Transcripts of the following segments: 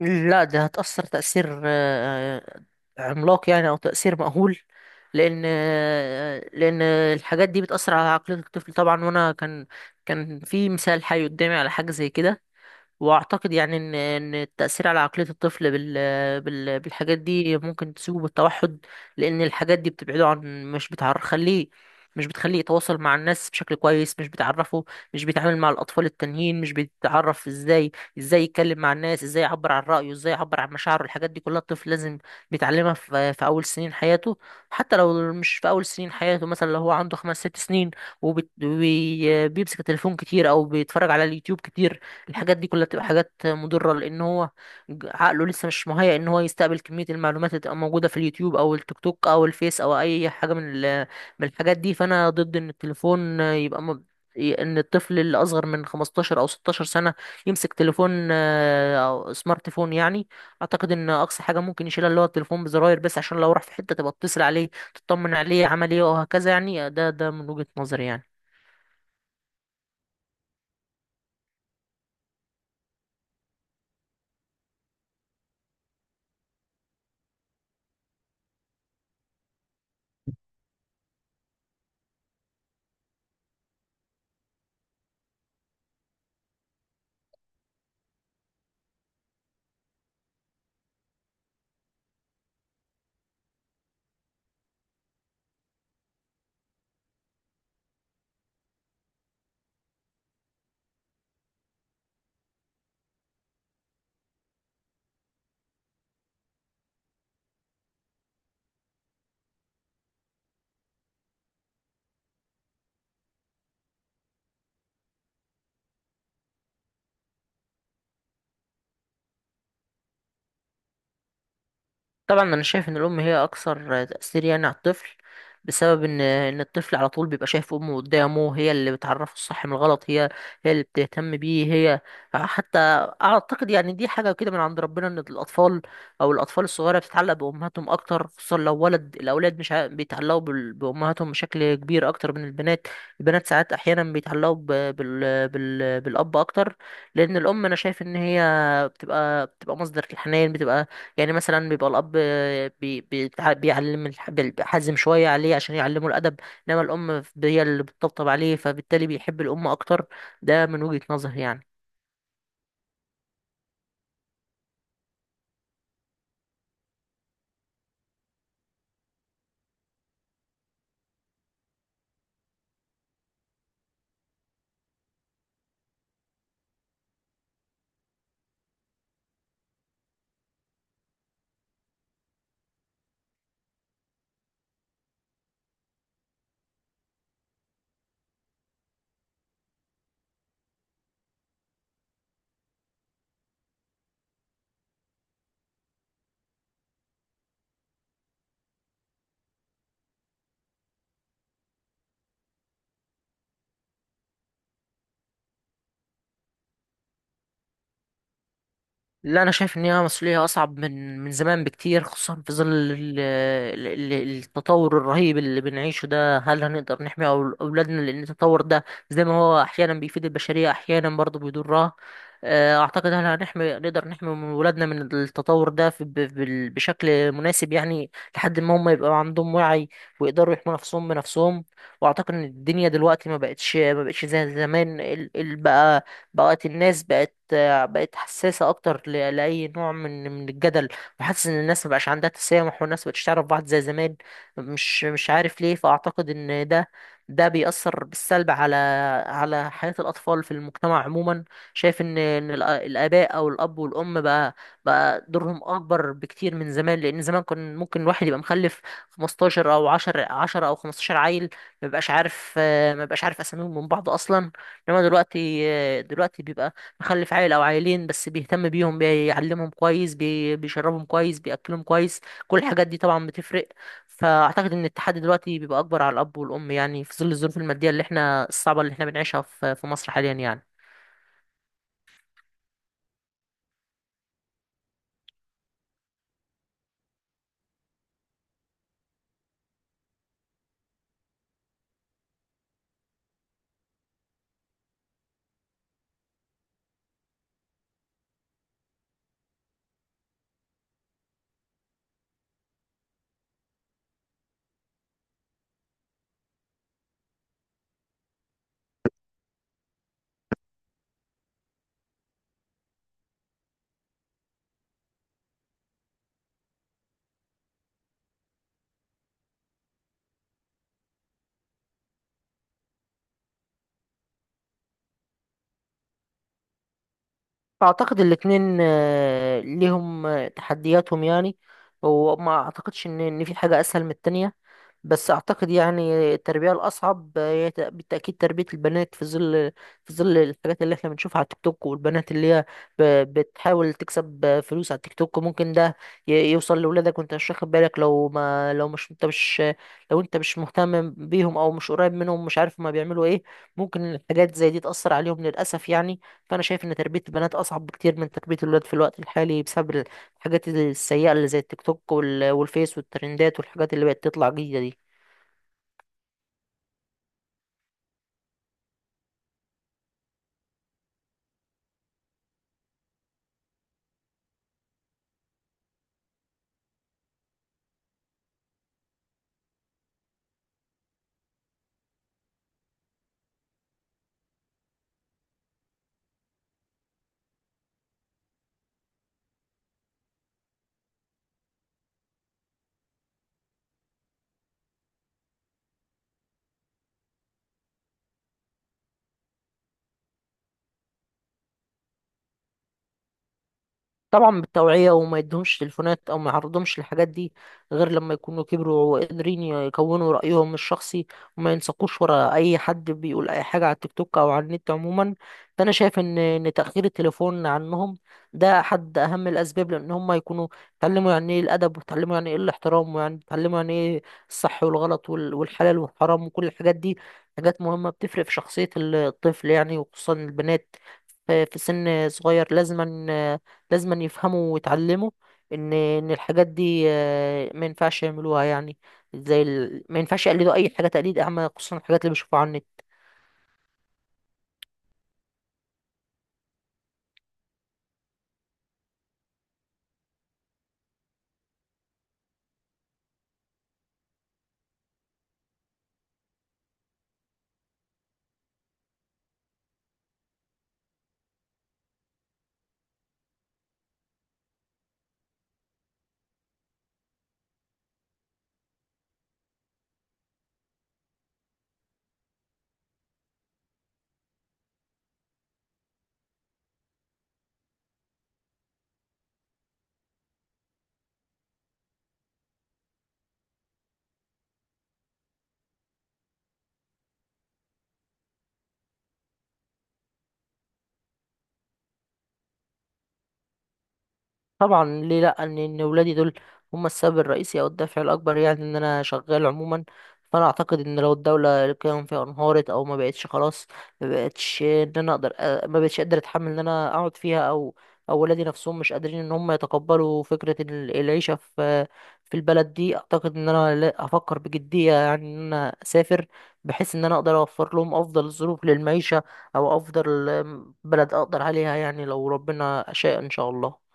لا، ده هتأثر تأثير عملاق يعني، أو تأثير مأهول. لأن لأن الحاجات دي بتأثر على عقلية الطفل طبعا. وأنا كان في مثال حي قدامي على حاجة زي كده. واعتقد يعني ان التاثير على عقليه الطفل بالحاجات دي ممكن تسوءه بالتوحد. لان الحاجات دي بتبعده عن مش بتعرف خليه مش بتخليه يتواصل مع الناس بشكل كويس، مش بيتعامل مع الاطفال التانيين، مش بيتعرف ازاي ازاي يتكلم مع الناس، ازاي يعبر عن رايه، ازاي يعبر عن مشاعره. الحاجات دي كلها الطفل لازم بيتعلمها في اول سنين حياته. حتى لو مش في اول سنين حياته، مثلا لو هو عنده خمس ست سنين وبيمسك التليفون كتير او بيتفرج على اليوتيوب كتير، الحاجات دي كلها بتبقى حاجات مضرة. لأن هو عقله لسه مش مهيأ إن هو يستقبل كمية المعلومات اللي تبقى موجودة في اليوتيوب أو التيك توك أو الفيس أو أي حاجة من الحاجات دي. فأنا ضد إن التليفون يبقى إن الطفل اللي أصغر من 15 أو 16 سنة يمسك تليفون، أو سمارت فون يعني. أعتقد إن أقصى حاجة ممكن يشيلها اللي هو التليفون بزراير بس، عشان لو راح في حتة تبقى تتصل عليه، تطمن عليه عمل إيه وهكذا. يعني ده من وجهة نظري يعني. طبعا انا شايف ان الام هي اكثر تاثير يعني على الطفل، بسبب ان الطفل على طول بيبقى شايف امه قدامه. هي اللي بتعرفه الصح من الغلط، هي اللي بتهتم بيه. هي حتى اعتقد يعني دي حاجه كده من عند ربنا، ان الاطفال او الاطفال الصغيره بتتعلق بامهاتهم اكتر. خصوصا لو ولد، الاولاد مش ع- بيتعلقوا بامهاتهم بشكل كبير اكتر من البنات. البنات ساعات احيانا بيتعلقوا بالاب اكتر. لان الام انا شايف ان هي بتبقى مصدر الحنان. بتبقى يعني مثلا بيبقى الاب بي بي بيعلم بيحزم شويه عليه عشان يعلمه الادب، انما الام هي اللي بتطبطب عليه. فبالتالي بيحب الام اكتر. ده من وجهه نظري يعني. لا انا شايف ان هي مسؤوليه اصعب من من زمان بكتير، خصوصا في ظل التطور الرهيب اللي بنعيشه ده. هل هنقدر نحمي اولادنا؟ لان التطور ده زي ما هو احيانا بيفيد البشريه، احيانا برضه بيضرها. اعتقد هل نقدر نحمي اولادنا من التطور ده بشكل مناسب يعني، لحد ما هم يبقوا عندهم وعي ويقدروا يحموا نفسهم بنفسهم. واعتقد ان الدنيا دلوقتي ما بقتش زي زمان. بقى بقت حساسة أكتر لأي نوع من الجدل. وحاسس إن الناس مبقاش عندها تسامح، والناس مبقتش تعرف بعض زي زمان، مش عارف ليه. فأعتقد إن ده بيأثر بالسلب على حياة الأطفال في المجتمع عموما. شايف إن الآباء أو الأب والأم بقى دورهم أكبر بكتير من زمان. لأن زمان كان ممكن الواحد يبقى مخلف 15 أو 10، 10 أو 15 عيل، مبقاش عارف مبقاش عارف أساميهم من بعض أصلا. انما دلوقتي بيبقى مخلف عيل او عيلين بس، بيهتم بيهم، بيعلمهم كويس، بيشربهم كويس، بياكلهم كويس. كل الحاجات دي طبعا بتفرق. فاعتقد ان التحدي دلوقتي بيبقى اكبر على الاب والام يعني، في ظل الظروف الماديه اللي احنا الصعبه اللي احنا بنعيشها في مصر حاليا يعني. فاعتقد الاتنين ليهم تحدياتهم يعني. وما اعتقدش ان في حاجه اسهل من التانية. بس اعتقد يعني التربيه الاصعب هي بالتاكيد تربيه البنات في ظل الحاجات اللي احنا بنشوفها على التيك توك. والبنات اللي هي ب- بتحاول تكسب فلوس على التيك توك، ممكن ده يوصل لاولادك وانت مش واخد بالك. لو انت مش مهتم بيهم، او مش قريب منهم، مش عارف ما بيعملوا ايه، ممكن الحاجات زي دي تاثر عليهم للاسف يعني. فانا شايف ان تربيه البنات اصعب بكتير من تربيه الولاد في الوقت الحالي، بسبب الحاجات السيئه اللي زي التيك توك والفيس والترندات والحاجات اللي بقت تطلع جديده دي. طبعا بالتوعية، وما يدهمش تليفونات أو ما يعرضهمش للحاجات دي غير لما يكونوا كبروا وقادرين يكونوا رأيهم الشخصي، وما ينساقوش ورا أي حد بيقول أي حاجة على التيك توك أو على النت عموما. فأنا شايف إن تأخير التليفون عنهم ده أحد أهم الأسباب، لأن هم يكونوا اتعلموا يعني إيه الأدب، واتعلموا يعني إيه الاحترام، ويعني اتعلموا يعني إيه الصح والغلط والحلال والحرام وكل الحاجات دي. حاجات مهمة بتفرق في شخصية الطفل يعني، وخصوصا البنات في في سن صغير. لازم أن يفهموا ويتعلموا ان الحاجات دي ما ينفعش يعملوها يعني. ما ينفعش يقلدوا اي حاجه تقليد اعمى، خصوصا الحاجات اللي بيشوفوها على النت. طبعا ليه لا. ان ولادي دول هم السبب الرئيسي او الدافع الاكبر يعني ان انا شغال عموما. فانا اعتقد ان لو الدوله القيم فيها انهارت، او ما بقتش خلاص، ما بقتش ان انا اقدر أ- ما بقتش قادر اتحمل ان انا اقعد فيها، او او ولادي نفسهم مش قادرين ان هم يتقبلوا فكره العيشه في في البلد دي، اعتقد ان انا هفكر بجديه يعني ان انا اسافر، بحيث ان انا اقدر اوفر لهم افضل الظروف للمعيشه، او افضل بلد اقدر عليها يعني لو ربنا شاء ان شاء الله.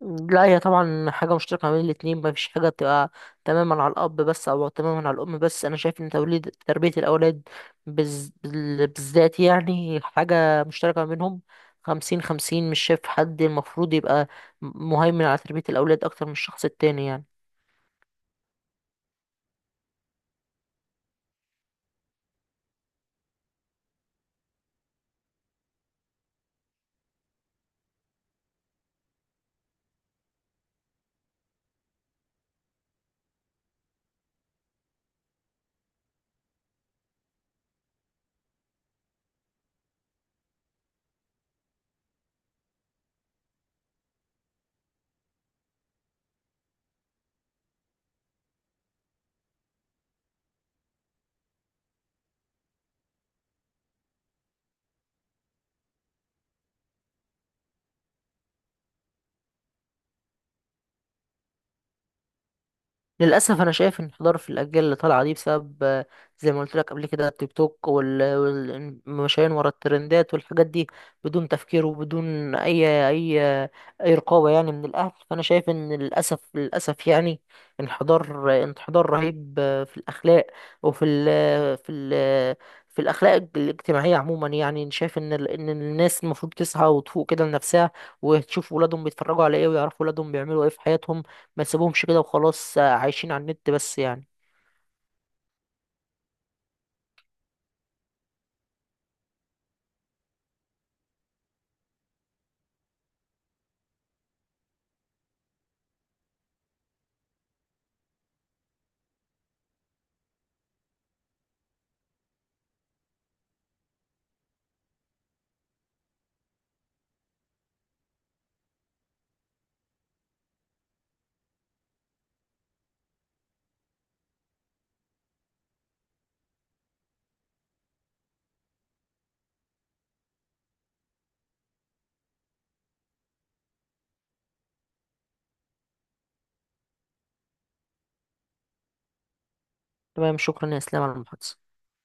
لا، هي طبعا حاجة مشتركة ما بين الاتنين. مفيش حاجة بتبقى تماما على الأب بس أو تماما على الأم بس. أنا شايف إن توليد تربية الأولاد بالذات يعني حاجة مشتركة ما بينهم، خمسين خمسين. مش شايف حد المفروض يبقى مهيمن على تربية الأولاد أكتر من الشخص التاني يعني. للأسف أنا شايف انحدار في الأجيال اللي طالعة دي، بسبب زي ما قلت لك قبل كده التيك توك والمشايين ورا الترندات والحاجات دي، بدون تفكير وبدون أي أي رقابة يعني من الأهل. فأنا شايف إن للأسف يعني انحدار رهيب في الأخلاق، وفي ال في ال في الأخلاق الاجتماعية عموما يعني. شايف إن الناس المفروض تصحى وتفوق كده لنفسها، وتشوف ولادهم بيتفرجوا على إيه، ويعرفوا ولادهم بيعملوا إيه في حياتهم. ما تسيبهمش كده وخلاص عايشين على النت بس يعني. تمام، شكرا يا اسلام على المحادثة.